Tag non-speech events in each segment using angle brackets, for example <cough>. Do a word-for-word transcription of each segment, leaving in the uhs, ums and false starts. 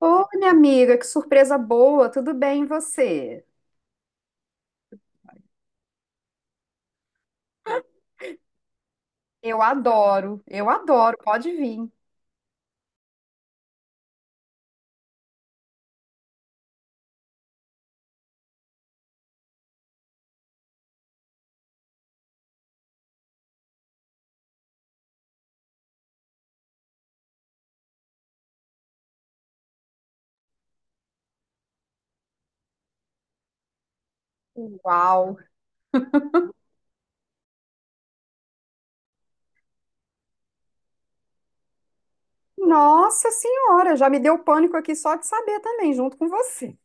Ô, minha amiga, que surpresa boa, tudo bem e você? Eu adoro, eu adoro, pode vir. Uau! Nossa Senhora, já me deu pânico aqui só de saber também, junto com você.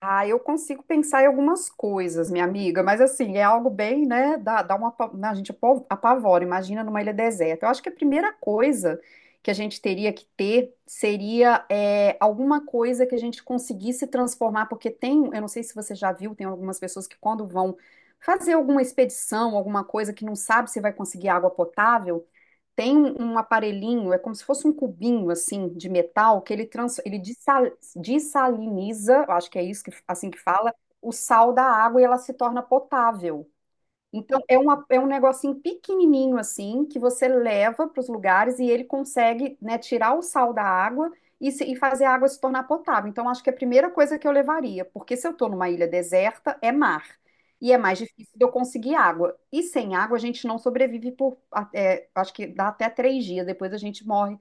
Ah, eu consigo pensar em algumas coisas, minha amiga, mas assim, é algo bem, né? Dá, dá uma, apa- a gente apo- apavora, imagina numa ilha deserta. Eu acho que a primeira coisa que a gente teria que ter seria é, alguma coisa que a gente conseguisse transformar, porque tem, eu não sei se você já viu, tem algumas pessoas que quando vão fazer alguma expedição, alguma coisa que não sabe se vai conseguir água potável, tem um um aparelhinho, é como se fosse um cubinho assim de metal que ele trans, ele dessal- dessaliniza, eu acho que é isso que assim que fala, o sal da água e ela se torna potável. Então, é, uma, é um negocinho pequenininho assim, que você leva para os lugares e ele consegue, né, tirar o sal da água e, se- e fazer a água se tornar potável. Então, acho que é a primeira coisa que eu levaria, porque se eu estou numa ilha deserta, é mar. E é mais difícil de eu conseguir água. E sem água, a gente não sobrevive por, até- acho que dá até três dias, depois a gente morre,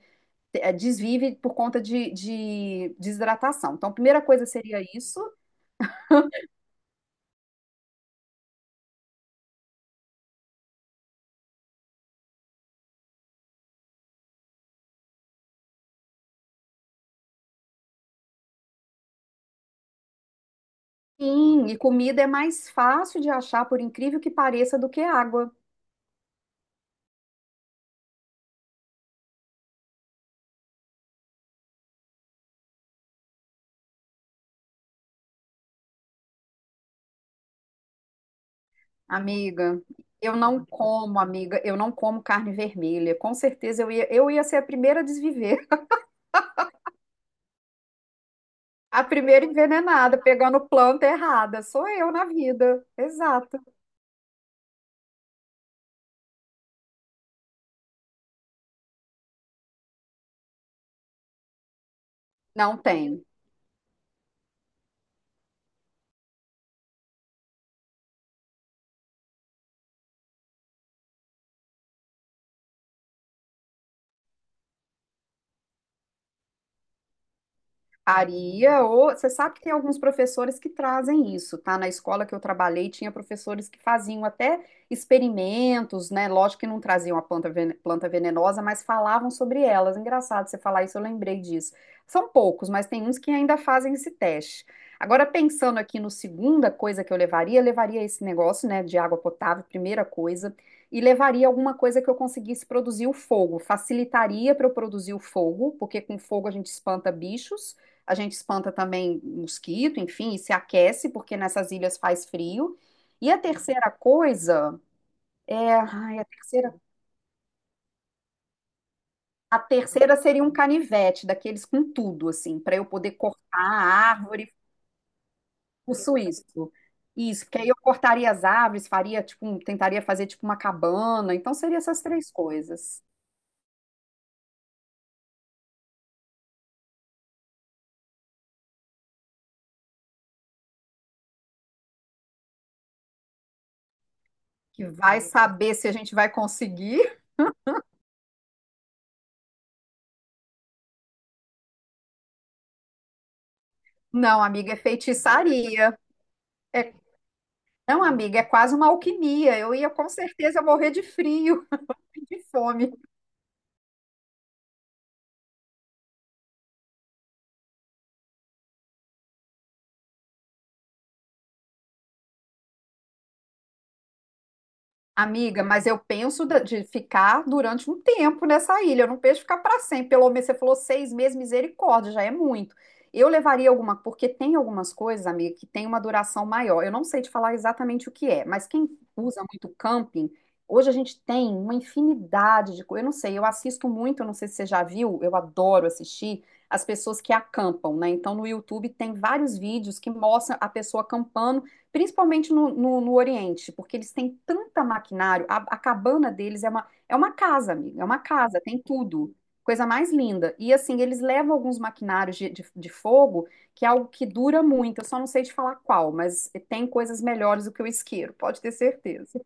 é, desvive por conta de, de desidratação. Então, a primeira coisa seria isso. Sim, e comida é mais fácil de achar, por incrível que pareça, do que água. Amiga, eu não como, amiga, eu não como carne vermelha. Com certeza eu ia, eu ia ser a primeira a desviver, <laughs> a primeira envenenada, pegando planta errada. Sou eu na vida. Exato. Não tem. Faria, ou você sabe que tem alguns professores que trazem isso, tá? Na escola que eu trabalhei, tinha professores que faziam até experimentos, né? Lógico que não traziam a planta vene- planta venenosa, mas falavam sobre elas. Engraçado você falar isso, eu lembrei disso. São poucos, mas tem uns que ainda fazem esse teste. Agora, pensando aqui no segunda coisa que eu levaria, eu levaria esse negócio, né, de água potável, primeira coisa, e levaria alguma coisa que eu conseguisse produzir o fogo. Facilitaria para eu produzir o fogo, porque com fogo a gente espanta bichos. A gente espanta também mosquito, enfim, e se aquece, porque nessas ilhas faz frio. E a terceira coisa é, ai, a terceira, a terceira seria um canivete, daqueles com tudo, assim, para eu poder cortar a árvore, o suíço. Isso, porque aí eu cortaria as árvores, faria tipo, um- tentaria fazer tipo uma cabana. Então seria essas três coisas. Que vai saber se a gente vai conseguir? Não, amiga, é feitiçaria. É, não, amiga, é quase uma alquimia. Eu ia com certeza morrer de frio. De fome. Amiga, mas eu penso da- de ficar durante um tempo nessa ilha. Eu não penso em ficar para sempre. Pelo menos você falou seis meses, misericórdia, já é muito. Eu levaria alguma, porque tem algumas coisas, amiga, que tem uma duração maior. Eu não sei te falar exatamente o que é, mas quem usa muito camping, hoje a gente tem uma infinidade de coisas. Eu não sei, eu assisto muito, eu não sei se você já viu, eu adoro assistir as pessoas que acampam, né? Então no YouTube tem vários vídeos que mostram a pessoa acampando principalmente no, no, no Oriente, porque eles têm tanta maquinário, a, a cabana deles é uma, é uma casa, amiga, é uma casa, tem tudo, coisa mais linda. E assim, eles levam alguns maquinários de, de, de fogo, que é algo que dura muito, eu só não sei te falar qual, mas tem coisas melhores do que o isqueiro, pode ter certeza.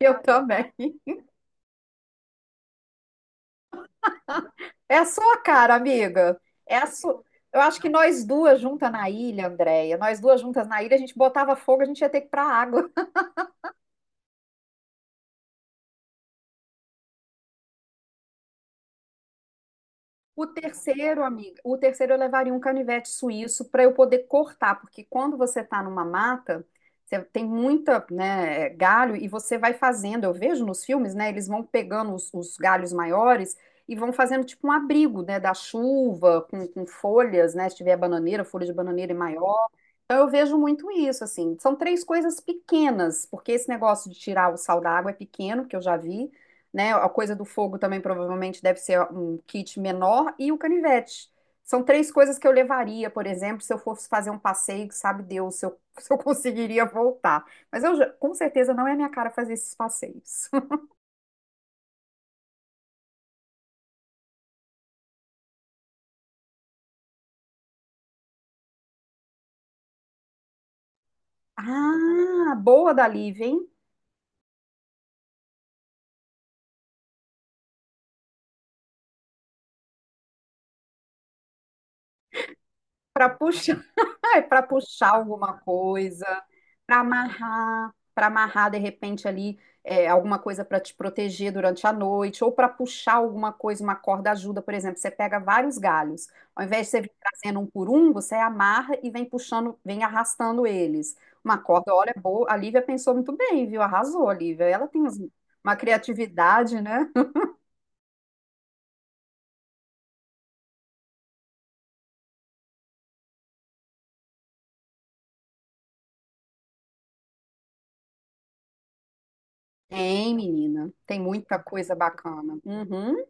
Eu também. É a sua cara, amiga, é a sua... Eu acho que nós duas juntas na ilha, Andréia, nós duas juntas na ilha, a gente botava fogo, a gente ia ter que ir pra água. O terceiro, amiga, o terceiro eu levaria um canivete suíço para eu poder cortar, porque quando você está numa mata, você tem muita, né, galho e você vai fazendo. Eu vejo nos filmes, né, eles vão pegando os, os galhos maiores e vão fazendo tipo um abrigo, né, da chuva, com, com folhas, né, se tiver bananeira, folha de bananeira é maior. Então eu vejo muito isso, assim. São três coisas pequenas, porque esse negócio de tirar o sal da água é pequeno, que eu já vi né? A coisa do fogo também provavelmente deve ser um kit menor e o canivete. São três coisas que eu levaria, por exemplo, se eu fosse fazer um passeio, que sabe Deus se eu, <laughs> se eu conseguiria voltar. Mas eu já- com certeza não é minha cara fazer esses passeios. <laughs> Ah, boa da Lívia, hein? Para puxar. Ah, É, para puxar alguma coisa, para amarrar, para amarrar de repente ali é, alguma coisa para te proteger durante a noite, ou para puxar alguma coisa, uma corda ajuda, por exemplo, você pega vários galhos, ao invés de você vir trazendo um por um, você amarra e vem puxando, vem arrastando eles. Uma corda, olha, é boa. A Lívia pensou muito bem, viu? Arrasou, a Lívia. Ela tem uns- uma criatividade, né? Tem, menina. Tem muita coisa bacana. Uhum,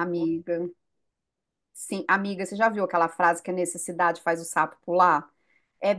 amiga. Sim, amiga, você já viu aquela frase que a necessidade faz o sapo pular? É.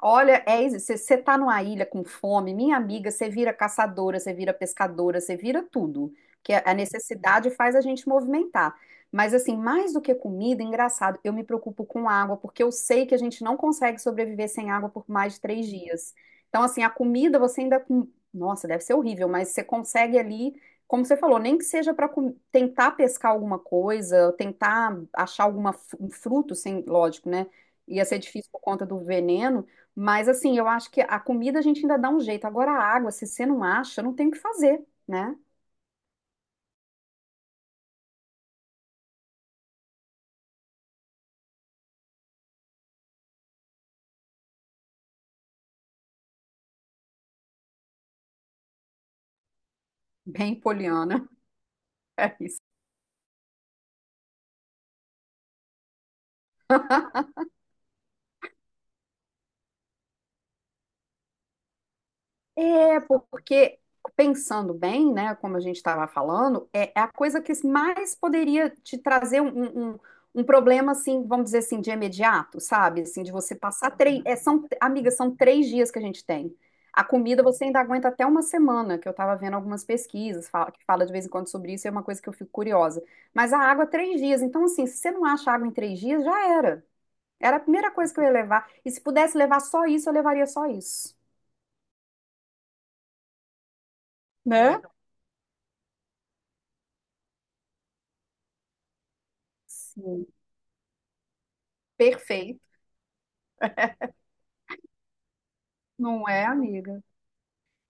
Olha, é isso. Você tá numa ilha com fome, minha amiga, você vira caçadora, você vira pescadora, você vira tudo. Que a a necessidade faz a gente movimentar. Mas, assim, mais do que comida, engraçado, eu me preocupo com água, porque eu sei que a gente não consegue sobreviver sem água por mais de três dias. Então, assim, a comida você ainda. Com- Nossa, deve ser horrível, mas você consegue ali, como você falou, nem que seja para tentar pescar alguma coisa, tentar achar alguma, fru- um fruto, sem, lógico, né? Ia ser difícil por conta do veneno. Mas assim, eu acho que a comida a gente ainda dá um jeito. Agora a água, se você não acha, não tem o que fazer, né? Bem poliana. <laughs> É isso. É, porque pensando bem, né, como a gente estava falando, é, é a coisa que mais poderia te trazer um, um, um um problema, assim, vamos dizer assim, de imediato, sabe? Assim, de você passar três. É, são, amiga, são três dias que a gente tem. A comida você ainda aguenta até uma semana, que eu estava vendo algumas pesquisas fala- que fala de vez em quando sobre isso, é uma coisa que eu fico curiosa. Mas a água, três dias. Então, assim, se você não acha água em três dias, já era. Era a primeira coisa que eu ia levar. E se pudesse levar só isso, eu levaria só isso, né? Sim. Perfeito, não é, amiga?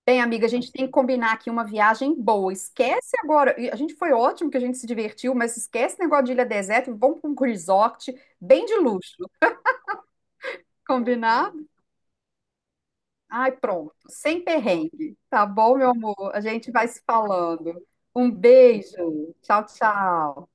Bem, amiga, a gente tem que combinar aqui uma viagem boa. Esquece agora. E a gente foi ótimo que a gente se divertiu, mas esquece esse negócio de ilha deserta e vamos para um resort bem de luxo. Combinado? Ai, pronto. Sem perrengue. Tá bom, meu amor? A gente vai se falando. Um beijo. Tchau, tchau.